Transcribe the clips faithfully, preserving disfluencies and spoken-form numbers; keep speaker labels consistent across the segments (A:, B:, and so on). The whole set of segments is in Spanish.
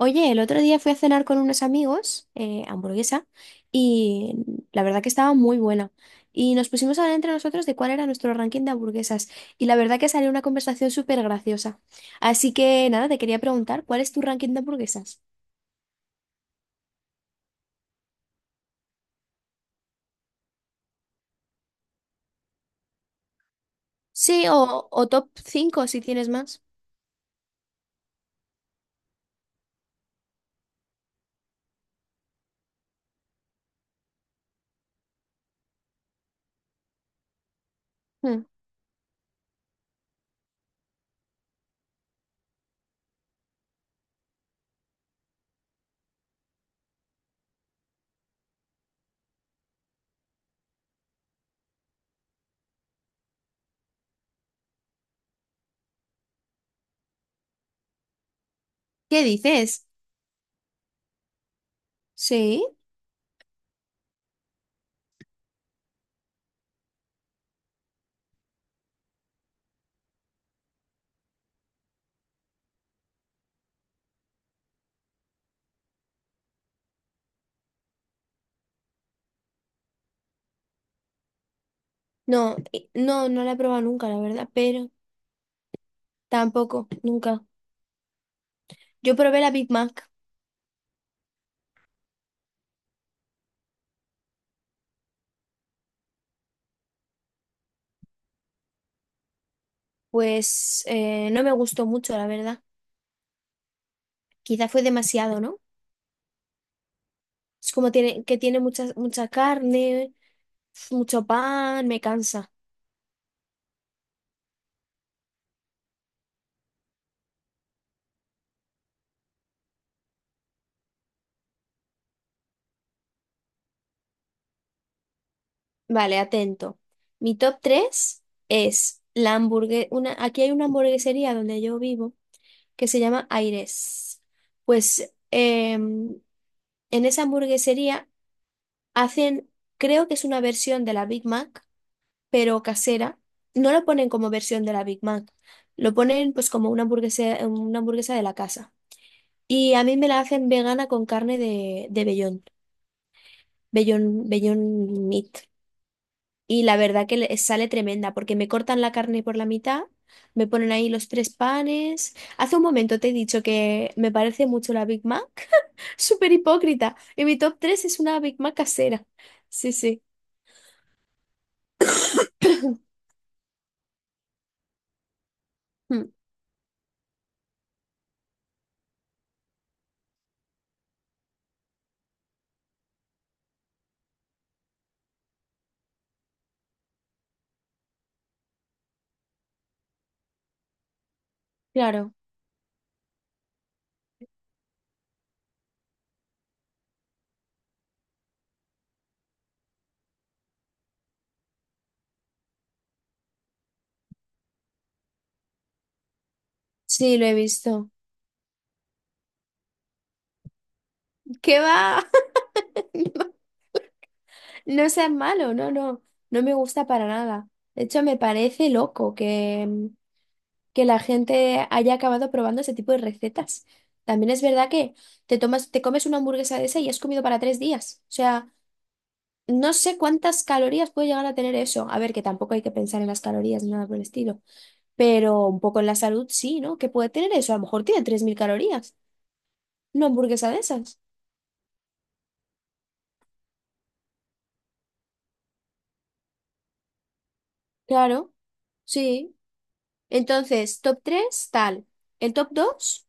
A: Oye, el otro día fui a cenar con unos amigos, eh, hamburguesa, y la verdad que estaba muy buena. Y nos pusimos a hablar entre nosotros de cuál era nuestro ranking de hamburguesas. Y la verdad que salió una conversación súper graciosa. Así que nada, te quería preguntar, ¿cuál es tu ranking de hamburguesas? Sí, o, o top cinco, si tienes más. Hmm. ¿Qué dices? Sí, no, eh, no, no la he probado nunca, la verdad, pero tampoco, nunca. Yo probé la Big Mac, pues eh, no me gustó mucho, la verdad. Quizá fue demasiado, ¿no? Es como tiene, que tiene mucha, mucha carne, mucho pan, me cansa. Vale, atento. Mi top tres es la hamburguesa. Una, aquí hay una hamburguesería donde yo vivo que se llama Aires. Pues em, en esa hamburguesería hacen, creo que es una versión de la Big Mac, pero casera. No lo ponen como versión de la Big Mac, lo ponen pues como una hamburguesa, una hamburguesa de la casa. Y a mí me la hacen vegana con carne de, de vellón, vellón, vellón meat. Y la verdad que le- sale tremenda, porque me cortan la carne por la mitad, me ponen ahí los tres panes. Hace un momento te he dicho que me parece mucho la Big Mac. Súper hipócrita. Y mi top tres es una Big Mac casera. Sí, sí. Mm, claro. Sí, lo he visto. ¿Qué va? No seas malo, no, no. No me gusta para nada. De hecho, me parece loco que, que la gente haya acabado probando ese tipo de recetas. También es verdad que te tomas, te comes una hamburguesa de esa y has comido para tres días. O sea, no sé cuántas calorías puede llegar a tener eso. A ver, que tampoco hay que pensar en las calorías ni nada por el estilo. Pero un poco en la salud sí, ¿no? ¿Qué puede tener eso? A lo mejor tiene tres mil calorías. Una hamburguesa de esas. Claro, sí. Entonces, top tres tal. El top dos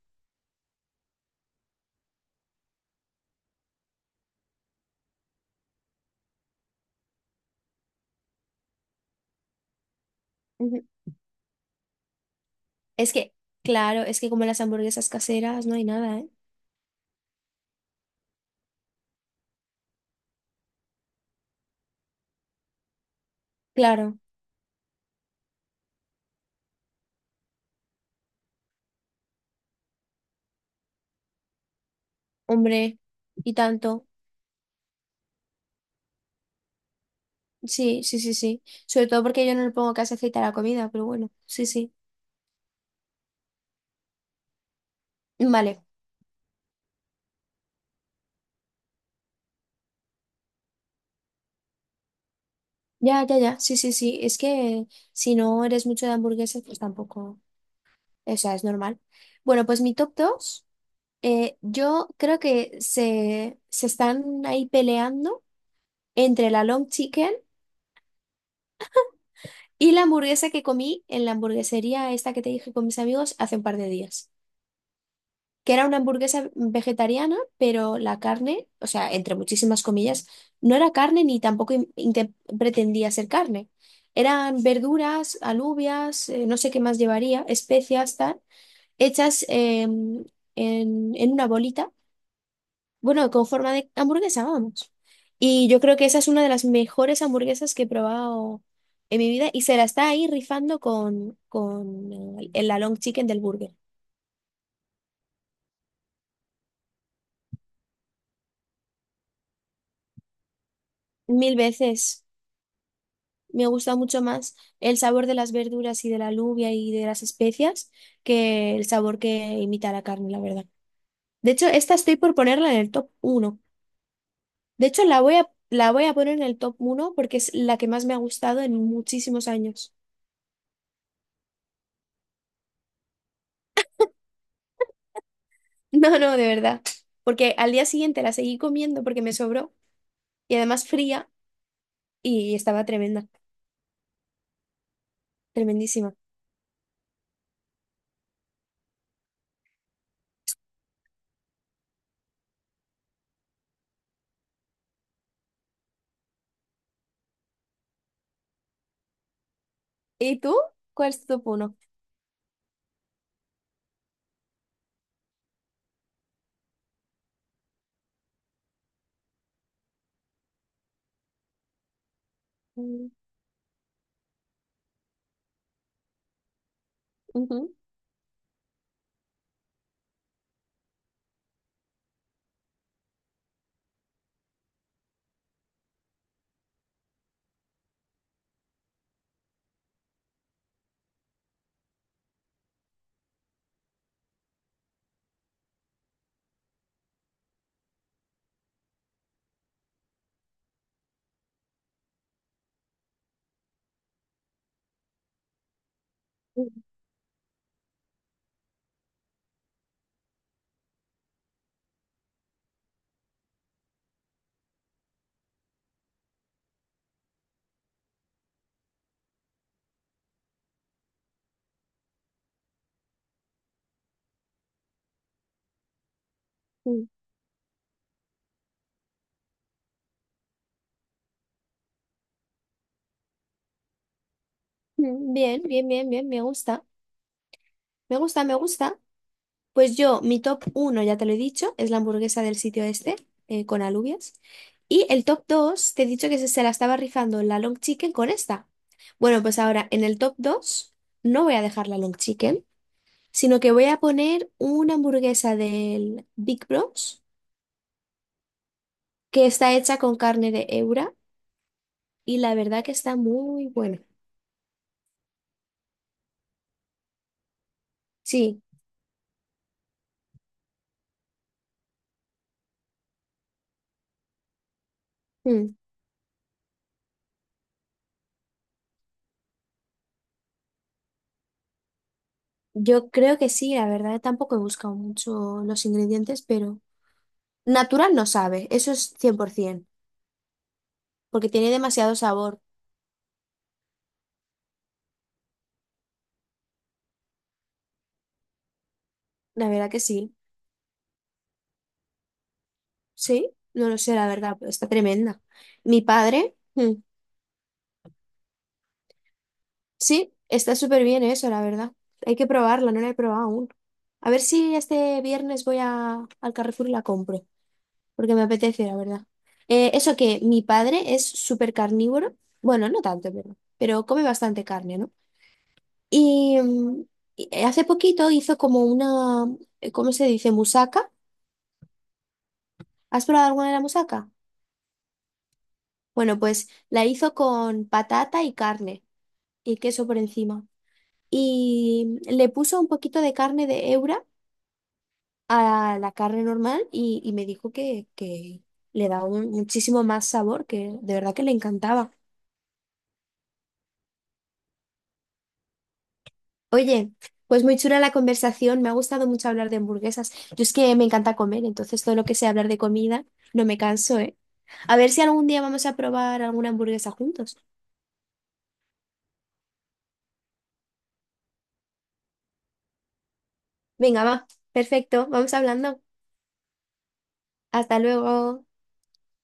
A: es que, claro, es que como las hamburguesas caseras no hay nada, ¿eh? Claro. Hombre, y tanto. Sí, sí, sí, sí. Sobre todo porque yo no le pongo casi aceite a la comida, pero bueno, sí, sí. Vale. Ya, ya, ya. Sí, sí, sí. Es que si no eres mucho de hamburguesas, pues tampoco. O sea, es normal. Bueno, pues mi top dos, yo creo que se, se están ahí peleando entre la long chicken y la hamburguesa que comí en la hamburguesería esta que te dije con mis amigos hace un par de días. Que era una hamburguesa vegetariana, pero la carne, o sea, entre muchísimas comillas, no era carne ni tampoco in- inte- pretendía ser carne. Eran verduras, alubias, eh, no sé qué más llevaría, especias, tal, hechas eh, en, en una bolita, bueno, con forma de hamburguesa, vamos. Y yo creo que esa es una de las mejores hamburguesas que he probado en mi vida y se la está ahí rifando con, con eh, la long chicken del burger. Mil veces. Me gusta mucho más el sabor de las verduras y de la alubia y de las especias que el sabor que imita la carne, la verdad. De hecho, esta estoy por ponerla en el top uno. De hecho, la voy a, la voy a poner en el top uno porque es la que más me ha gustado en muchísimos años. No, no, de verdad. Porque al día siguiente la seguí comiendo porque me sobró y además fría y estaba tremenda, tremendísima. ¿Y tú? ¿Cuál es tu top uno? Bien, bien, bien, bien, me gusta. Me gusta, me gusta. Pues yo, mi top uno ya te lo he dicho, es la hamburguesa del sitio este, eh, con alubias. Y el top dos te he dicho que se, se la estaba rifando la long chicken con esta. Bueno, pues ahora en el top dos no voy a dejar la long chicken, sino que voy a poner una hamburguesa del Big Bros, que está hecha con carne de Eura y la verdad que está muy buena. Sí, mm, yo creo que sí, la verdad tampoco he buscado mucho los ingredientes, pero natural no sabe, eso es cien por ciento. Porque tiene demasiado sabor. La verdad que sí. Sí, no lo sé, la verdad, pero está tremenda. Mi padre, mm, sí, está súper bien eso, la verdad. Hay que probarla, no la he probado aún. A ver si este viernes voy a, al Carrefour y la compro, porque me apetece, la verdad. Eh, eso que mi padre es súper carnívoro, bueno, no tanto, pero, pero come bastante carne, ¿no? Y, mm, y hace poquito hizo como una, ¿cómo se dice? Musaca. ¿Has probado alguna de la musaca? Bueno, pues la hizo con patata y carne y queso por encima. Y le puso un poquito de carne de Eura a la carne normal y, y me dijo que, que le daba un- muchísimo más sabor, que de verdad que le encantaba. Oye, pues muy chula la conversación, me ha gustado mucho hablar de hamburguesas. Yo es que me encanta comer, entonces todo lo que sea hablar de comida, no me canso, ¿eh? A ver si algún día vamos a probar alguna hamburguesa juntos. Venga, va, perfecto, vamos hablando. Hasta luego.